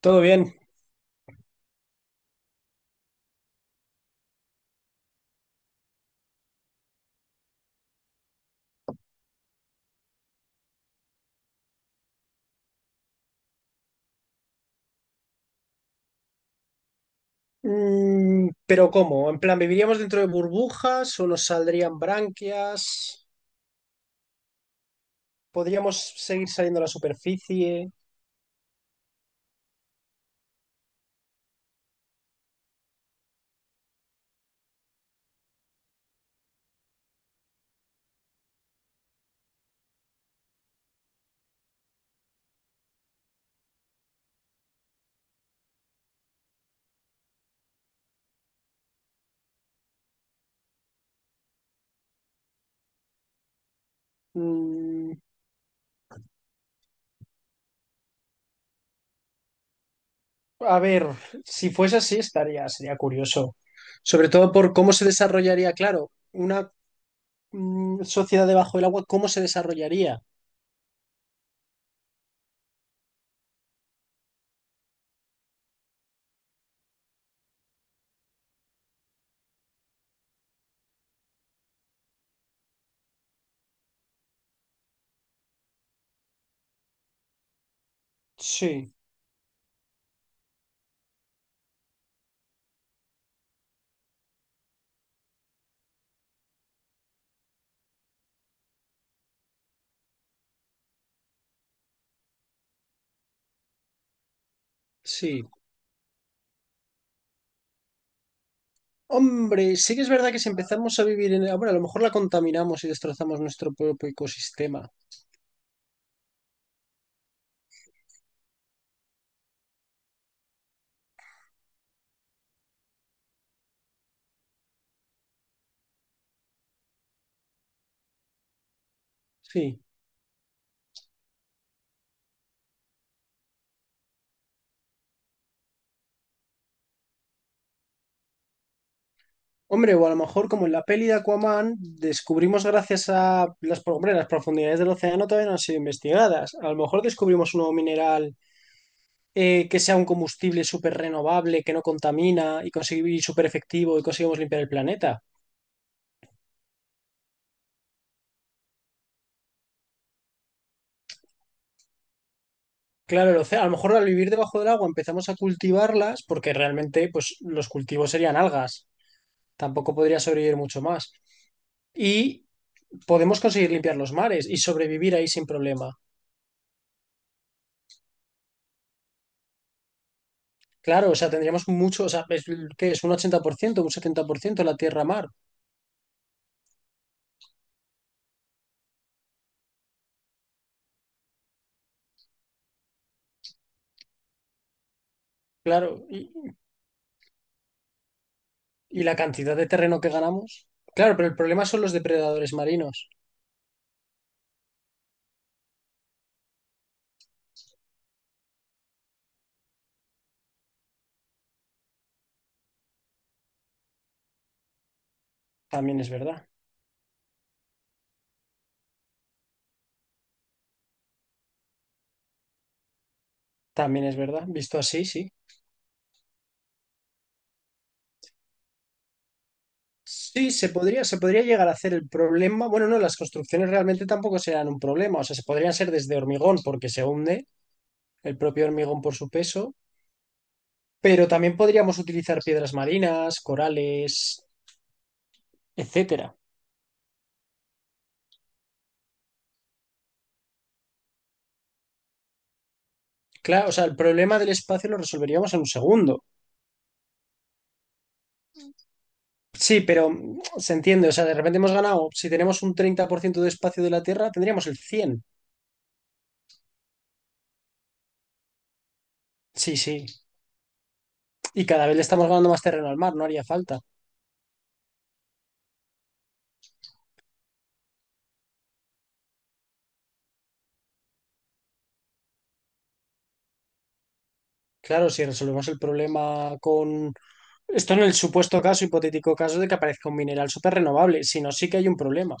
Todo bien. Pero ¿cómo? En plan, ¿viviríamos dentro de burbujas o nos saldrían branquias? ¿Podríamos seguir saliendo a la superficie? Mm, a ver, si fuese así, sería curioso. Sobre todo por cómo se desarrollaría, claro, una sociedad debajo del agua, ¿cómo se desarrollaría? Sí, sí. Hombre, sí que es verdad que si empezamos a vivir en, bueno, a lo mejor la contaminamos y destrozamos nuestro propio ecosistema. Sí. Hombre, o a lo mejor como en la peli de Aquaman, descubrimos gracias a las profundidades del océano todavía no han sido investigadas. A lo mejor descubrimos un nuevo mineral que sea un combustible súper renovable, que no contamina y súper efectivo y conseguimos limpiar el planeta. Claro, el océano, a lo mejor al vivir debajo del agua empezamos a cultivarlas porque realmente pues, los cultivos serían algas. Tampoco podría sobrevivir mucho más. Y podemos conseguir limpiar los mares y sobrevivir ahí sin problema. Claro, o sea, tendríamos mucho, o sea, es, ¿qué es? ¿Un 80%, un 70% la tierra-mar? Claro, y la cantidad de terreno que ganamos. Claro, pero el problema son los depredadores marinos. También es verdad, también es verdad. Visto así, sí. Sí, se podría llegar a hacer el problema. Bueno, no, las construcciones realmente tampoco serán un problema. O sea, se podrían ser desde hormigón porque se hunde el propio hormigón por su peso, pero también podríamos utilizar piedras marinas, corales, etcétera. Claro, o sea, el problema del espacio lo resolveríamos en un segundo. Sí, pero se entiende, o sea, de repente hemos ganado, si tenemos un 30% de espacio de la Tierra, tendríamos el 100. Sí, sí. Y cada vez le estamos ganando más terreno al mar, no haría falta. Claro, si resolvemos el problema con. Esto en el supuesto caso, hipotético caso de que aparezca un mineral súper renovable, si no, sí que hay un problema.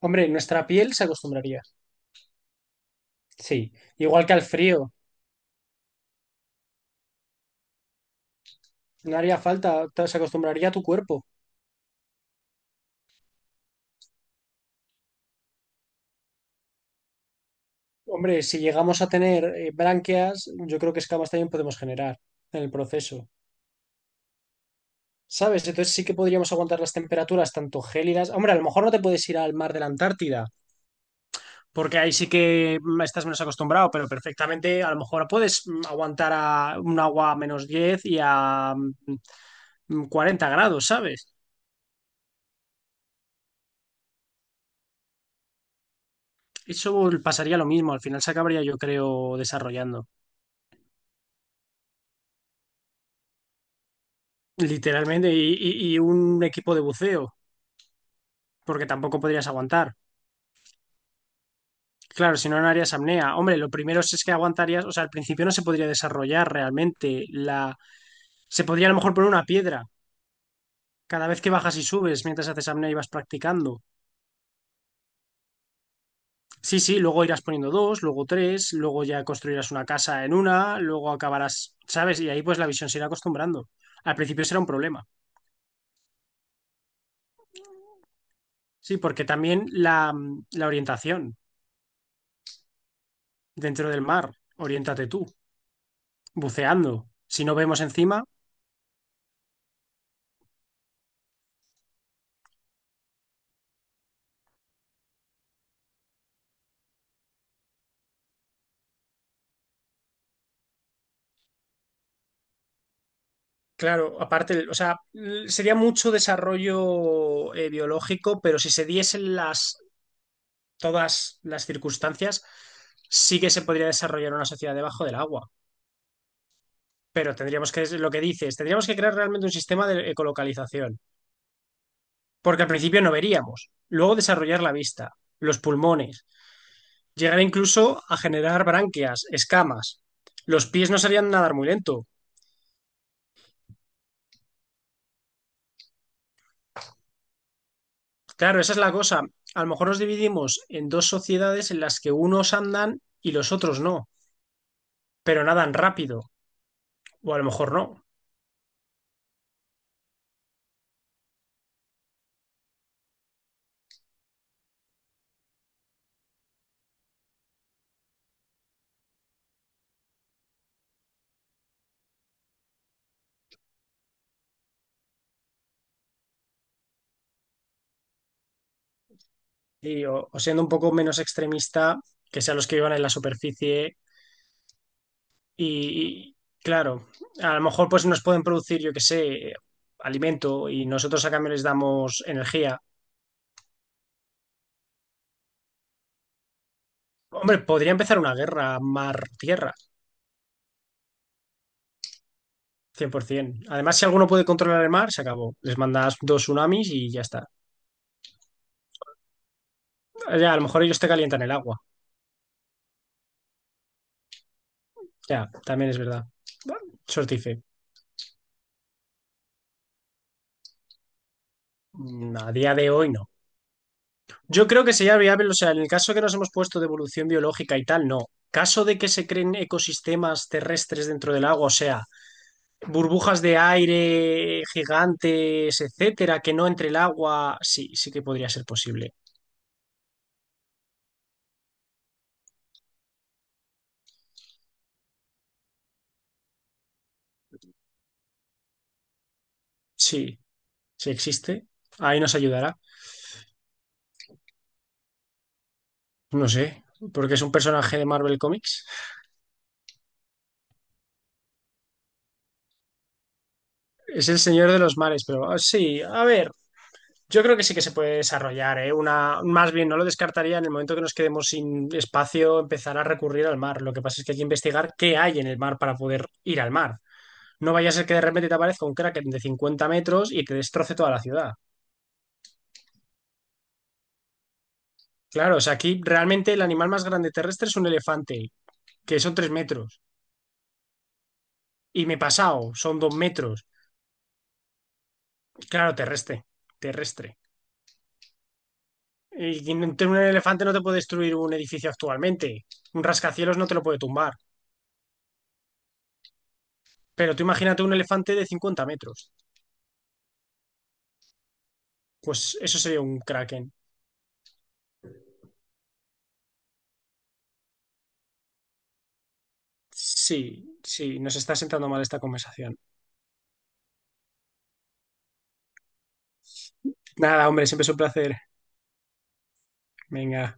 Hombre, nuestra piel se acostumbraría. Sí, igual que al frío, no haría falta, se acostumbraría a tu cuerpo. Hombre, si llegamos a tener branquias, yo creo que escamas también podemos generar en el proceso. ¿Sabes? Entonces sí que podríamos aguantar las temperaturas tanto gélidas. Hombre, a lo mejor no te puedes ir al mar de la Antártida, porque ahí sí que estás menos acostumbrado, pero perfectamente a lo mejor puedes aguantar a un agua a -10 y a 40 grados, ¿sabes? Eso pasaría lo mismo, al final se acabaría yo creo desarrollando, literalmente, y un equipo de buceo, porque tampoco podrías aguantar. Claro, si no, no harías apnea. Hombre, lo primero es que aguantarías, o sea, al principio no se podría desarrollar realmente. Se podría a lo mejor poner una piedra cada vez que bajas y subes, mientras haces apnea y vas practicando. Sí, sí, luego irás poniendo dos, luego tres, luego ya construirás una casa en una, luego acabarás, ¿sabes? Y ahí pues la visión se irá acostumbrando. Al principio será un problema. Sí, porque también la orientación dentro del mar, oriéntate tú, buceando. Si no vemos encima. Claro, aparte, o sea, sería mucho desarrollo biológico, pero si se diesen las todas las circunstancias, sí que se podría desarrollar una sociedad debajo del agua. Pero tendríamos que, lo que dices, tendríamos que crear realmente un sistema de ecolocalización. Porque al principio no veríamos. Luego desarrollar la vista, los pulmones, llegar incluso a generar branquias, escamas. Los pies no serían nadar muy lento. Claro, esa es la cosa. A lo mejor nos dividimos en dos sociedades en las que unos andan y los otros no, pero nadan rápido, o a lo mejor no. O siendo un poco menos extremista, que sean los que vivan en la superficie y, y, claro, a lo mejor pues nos pueden producir, yo que sé, alimento y nosotros a cambio les damos energía. Hombre, podría empezar una guerra mar-tierra, 100%. Además, si alguno puede controlar el mar, se acabó. Les mandas dos tsunamis y ya está. Ya, a lo mejor ellos te calientan el agua. Ya, también es verdad. Bueno, Sortife. A día de hoy no. Yo creo que sería viable, o sea, en el caso que nos hemos puesto de evolución biológica y tal, no. Caso de que se creen ecosistemas terrestres dentro del agua, o sea, burbujas de aire gigantes, etcétera, que no entre el agua, sí, sí que podría ser posible. Sí, sí existe. Ahí nos ayudará. No sé, porque es un personaje de Marvel Comics. Es el señor de los mares, pero sí, a ver. Yo creo que sí que se puede desarrollar, ¿eh? Una, más bien, no lo descartaría en el momento que nos quedemos sin espacio, empezar a recurrir al mar. Lo que pasa es que hay que investigar qué hay en el mar para poder ir al mar. No vaya a ser que de repente te aparezca un kraken de 50 metros y te destroce toda la ciudad. Claro, o sea, aquí realmente el animal más grande terrestre es un elefante, que son 3 metros. Y me he pasado, son 2 metros. Claro, terrestre, terrestre. Y un elefante no te puede destruir un edificio actualmente. Un rascacielos no te lo puede tumbar. Pero tú imagínate un elefante de 50 metros. Pues eso sería un kraken. Sí, sí, nos está sentando mal esta conversación. Nada, hombre, siempre es un placer. Venga.